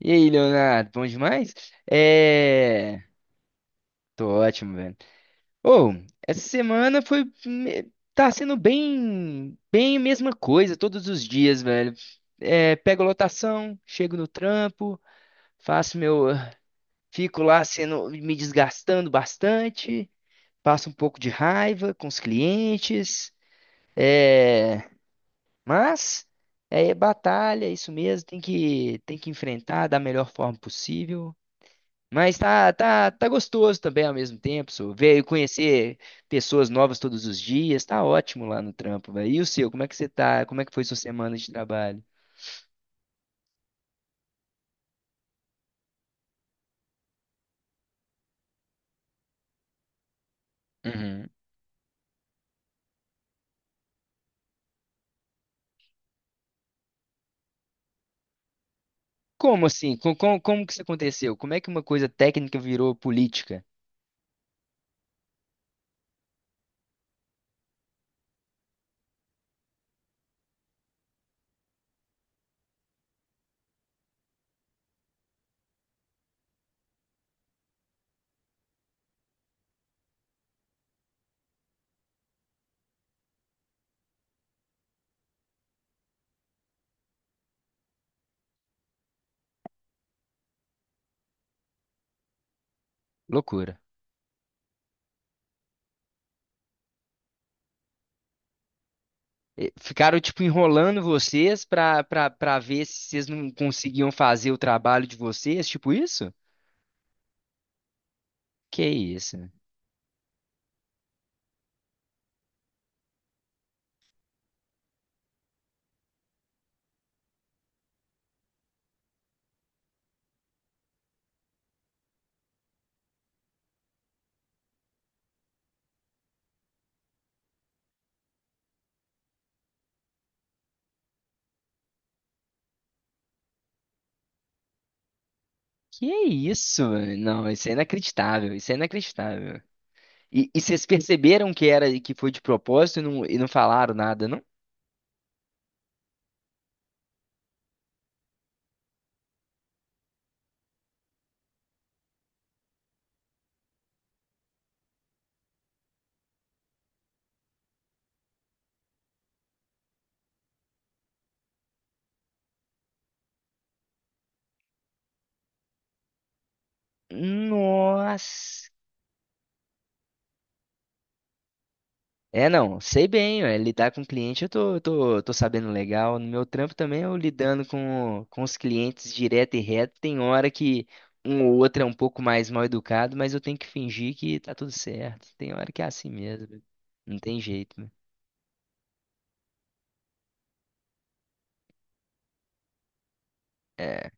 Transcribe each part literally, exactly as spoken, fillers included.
E aí, Leonardo, bom demais? É. Tô ótimo, velho. Ô, essa semana foi. me- Tá sendo bem. Bem a mesma coisa todos os dias, velho. É, pego lotação, chego no trampo, faço meu. Fico lá sendo. Me desgastando bastante, passo um pouco de raiva com os clientes. É. Mas. É batalha, é isso mesmo. Tem que, tem que enfrentar da melhor forma possível. Mas tá, tá, tá gostoso também ao mesmo tempo, so. Ver, conhecer pessoas novas todos os dias, tá ótimo lá no trampo, velho. E o seu, como é que você tá? Como é que foi sua semana de trabalho? Uhum. Como assim? Com- com- como que isso aconteceu? Como é que uma coisa técnica virou política? Loucura. E Ficaram, tipo, enrolando vocês pra, pra, pra ver se vocês não conseguiam fazer o trabalho de vocês, tipo isso? Que isso? Que isso? Não, isso é inacreditável, isso é inacreditável. E, e vocês perceberam que era que foi de propósito e não, e não falaram nada, não? Nossa. É, não, sei bem, ué, lidar com cliente eu tô, tô, tô sabendo legal. No meu trampo também eu lidando com, com os clientes direto e reto. Tem hora que um ou outro é um pouco mais mal educado, mas eu tenho que fingir que tá tudo certo. Tem hora que é assim mesmo. Não tem jeito, né? É.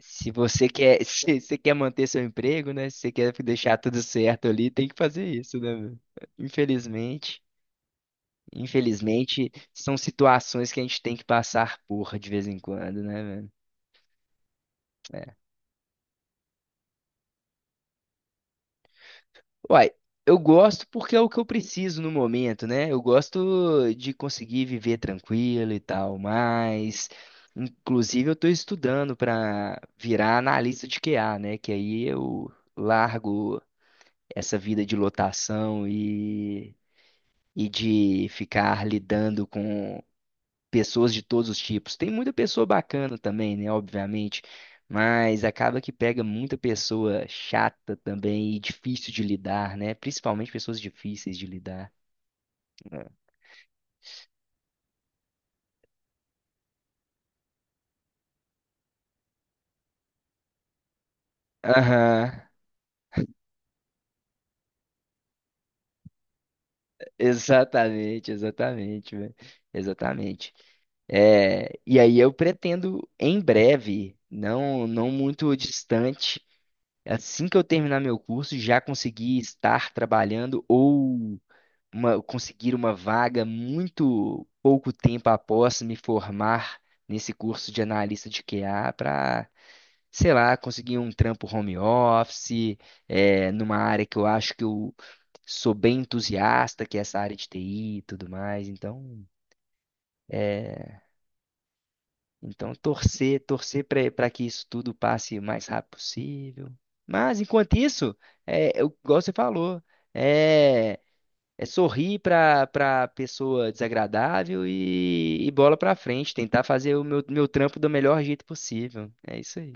Se você quer, Se você quer manter seu emprego, né? Se você quer deixar tudo certo ali, tem que fazer isso, né? Meu? Infelizmente, infelizmente, são situações que a gente tem que passar por de vez em quando, né, velho? É. Uai, eu gosto porque é o que eu preciso no momento, né? Eu gosto de conseguir viver tranquilo e tal, mas inclusive eu tô estudando para virar analista de Q A, né? Que aí eu largo essa vida de lotação e e de ficar lidando com pessoas de todos os tipos. Tem muita pessoa bacana também, né? Obviamente, mas acaba que pega muita pessoa chata também e difícil de lidar, né? Principalmente pessoas difíceis de lidar. Aham, exatamente, exatamente, velho. Exatamente. É, e aí eu pretendo em breve, não não muito distante, assim que eu terminar meu curso, já conseguir estar trabalhando ou uma- conseguir uma vaga muito pouco tempo após me formar nesse curso de analista de Q A para, sei lá, conseguir um trampo home office, é, numa área que eu acho que eu sou bem entusiasta, que é essa área de T I e tudo mais. Então, eh, então, torcer, torcer para que isso tudo passe o mais rápido possível. Mas, enquanto isso, é, eu- igual você falou, é, é sorrir para para pessoa desagradável e, e bola para frente, tentar fazer o meu, meu trampo do melhor jeito possível. É isso aí.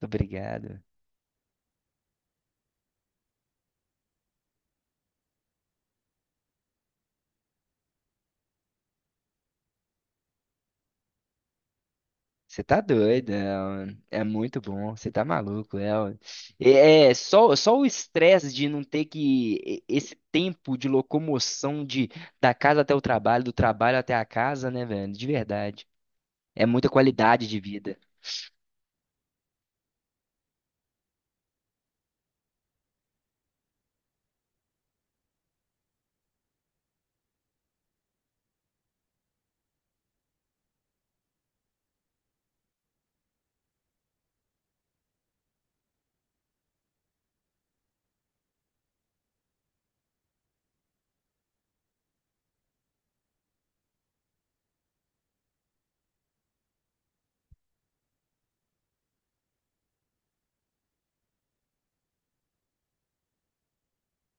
Obrigado. Você tá doido, é, é muito bom, você tá maluco, Léo. É, é só, só o estresse de não ter que, e- esse tempo de locomoção de, da casa até o trabalho, do trabalho até a casa, né, velho, de verdade, é muita qualidade de vida,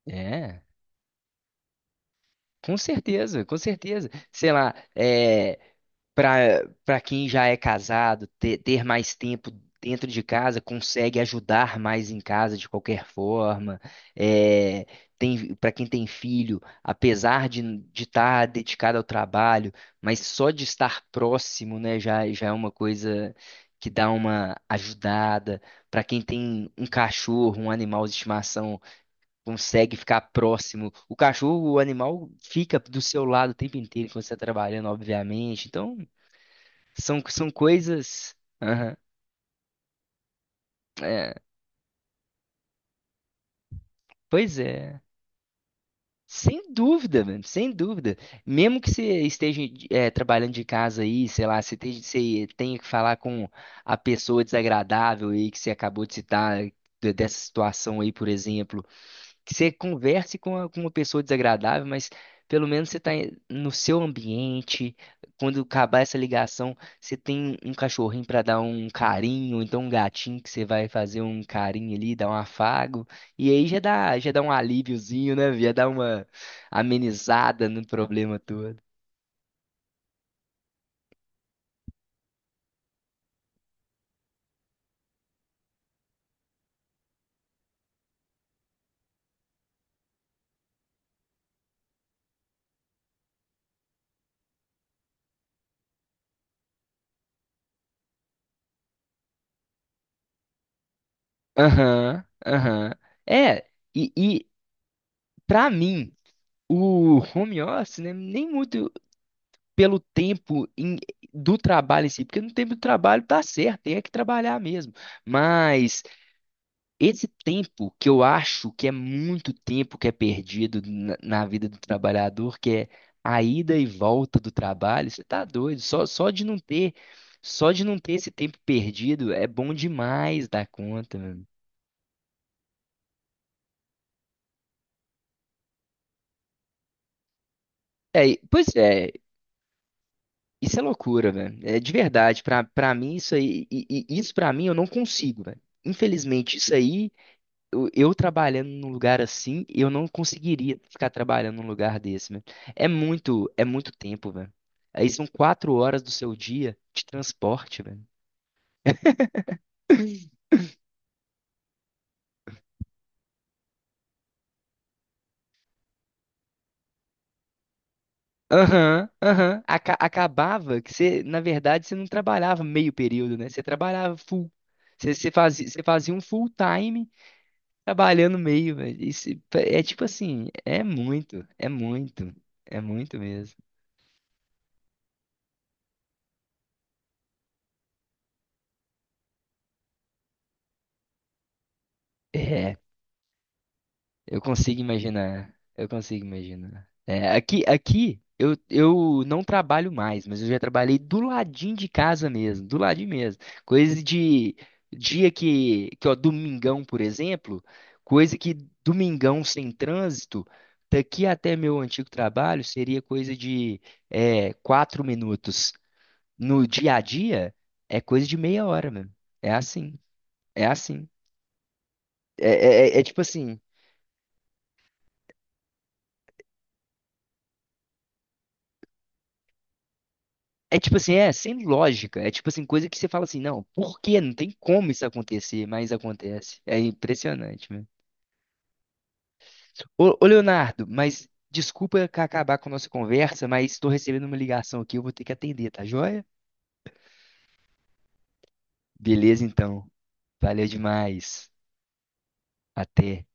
é, com certeza, com certeza, sei lá, é, para para quem já é casado, ter, ter mais tempo dentro de casa consegue ajudar mais em casa de qualquer forma. É, tem, para quem tem filho, apesar de de estar dedicado ao trabalho, mas só de estar próximo, né, já, já é uma coisa que dá uma ajudada. Para quem tem um cachorro, um animal de estimação, consegue ficar próximo. O cachorro, o animal, fica do seu lado o tempo inteiro quando você está trabalhando, obviamente. Então, são, são coisas. Aham. É, pois é. Sem dúvida, mano, sem dúvida. Mesmo que você esteja é, trabalhando de casa aí, sei lá, você, esteja- você tenha que falar com a pessoa desagradável aí que você acabou de citar, de- dessa situação aí, por exemplo. Que você converse com, a- com uma pessoa desagradável, mas pelo menos você está no seu ambiente. Quando acabar essa ligação, você tem um cachorrinho para dar um carinho, ou então um gatinho que você vai fazer um carinho ali, dar um afago. E aí já dá, já dá um alíviozinho, né? Já dá uma amenizada no problema todo. Aham, aham. É, e, e para mim, o home office, né, nem muito. pelo tempo em- do trabalho em si, porque no tempo do trabalho tá certo, tem é que trabalhar mesmo. Mas esse tempo que eu acho que é muito tempo que é perdido na, na vida do trabalhador, que é a ida e volta do trabalho, você tá doido, só, só de não ter, só de não ter esse tempo perdido é bom demais da conta, mano. É, e- pois é, isso é loucura, velho. É de verdade, pra, pra mim isso aí, e- e- isso pra mim eu não consigo, velho. Infelizmente, isso aí eu eu trabalhando num lugar assim, eu não conseguiria ficar trabalhando num lugar desse, velho. É muito, é muito tempo, velho. Aí são quatro horas do seu dia de transporte, velho. Aham, aham. Aca- acabava que você, na verdade, você não trabalhava meio período, né? Você trabalhava full. Você, você fazia, você fazia um full time trabalhando meio, velho. Isso é tipo assim, é muito, é muito, é muito mesmo. É. Eu consigo imaginar. Eu consigo imaginar. É, aqui, aqui eu, eu não trabalho mais, mas eu já trabalhei do ladinho de casa mesmo, do ladinho mesmo. Coisa de dia que, que ó, domingão, por exemplo, coisa que domingão sem trânsito, daqui até meu antigo trabalho seria coisa de é, quatro minutos. No dia a dia é coisa de meia hora mesmo. É assim, é assim. é é- é é tipo assim. É tipo assim, é sem lógica. É tipo assim, coisa que você fala assim, não, por quê? Não tem como isso acontecer, mas acontece. É impressionante, mesmo. Ô, ô, Leonardo, mas desculpa ca- acabar com a nossa conversa, mas estou recebendo uma ligação aqui, eu vou ter que atender, tá joia? Beleza, então. Valeu demais. Até.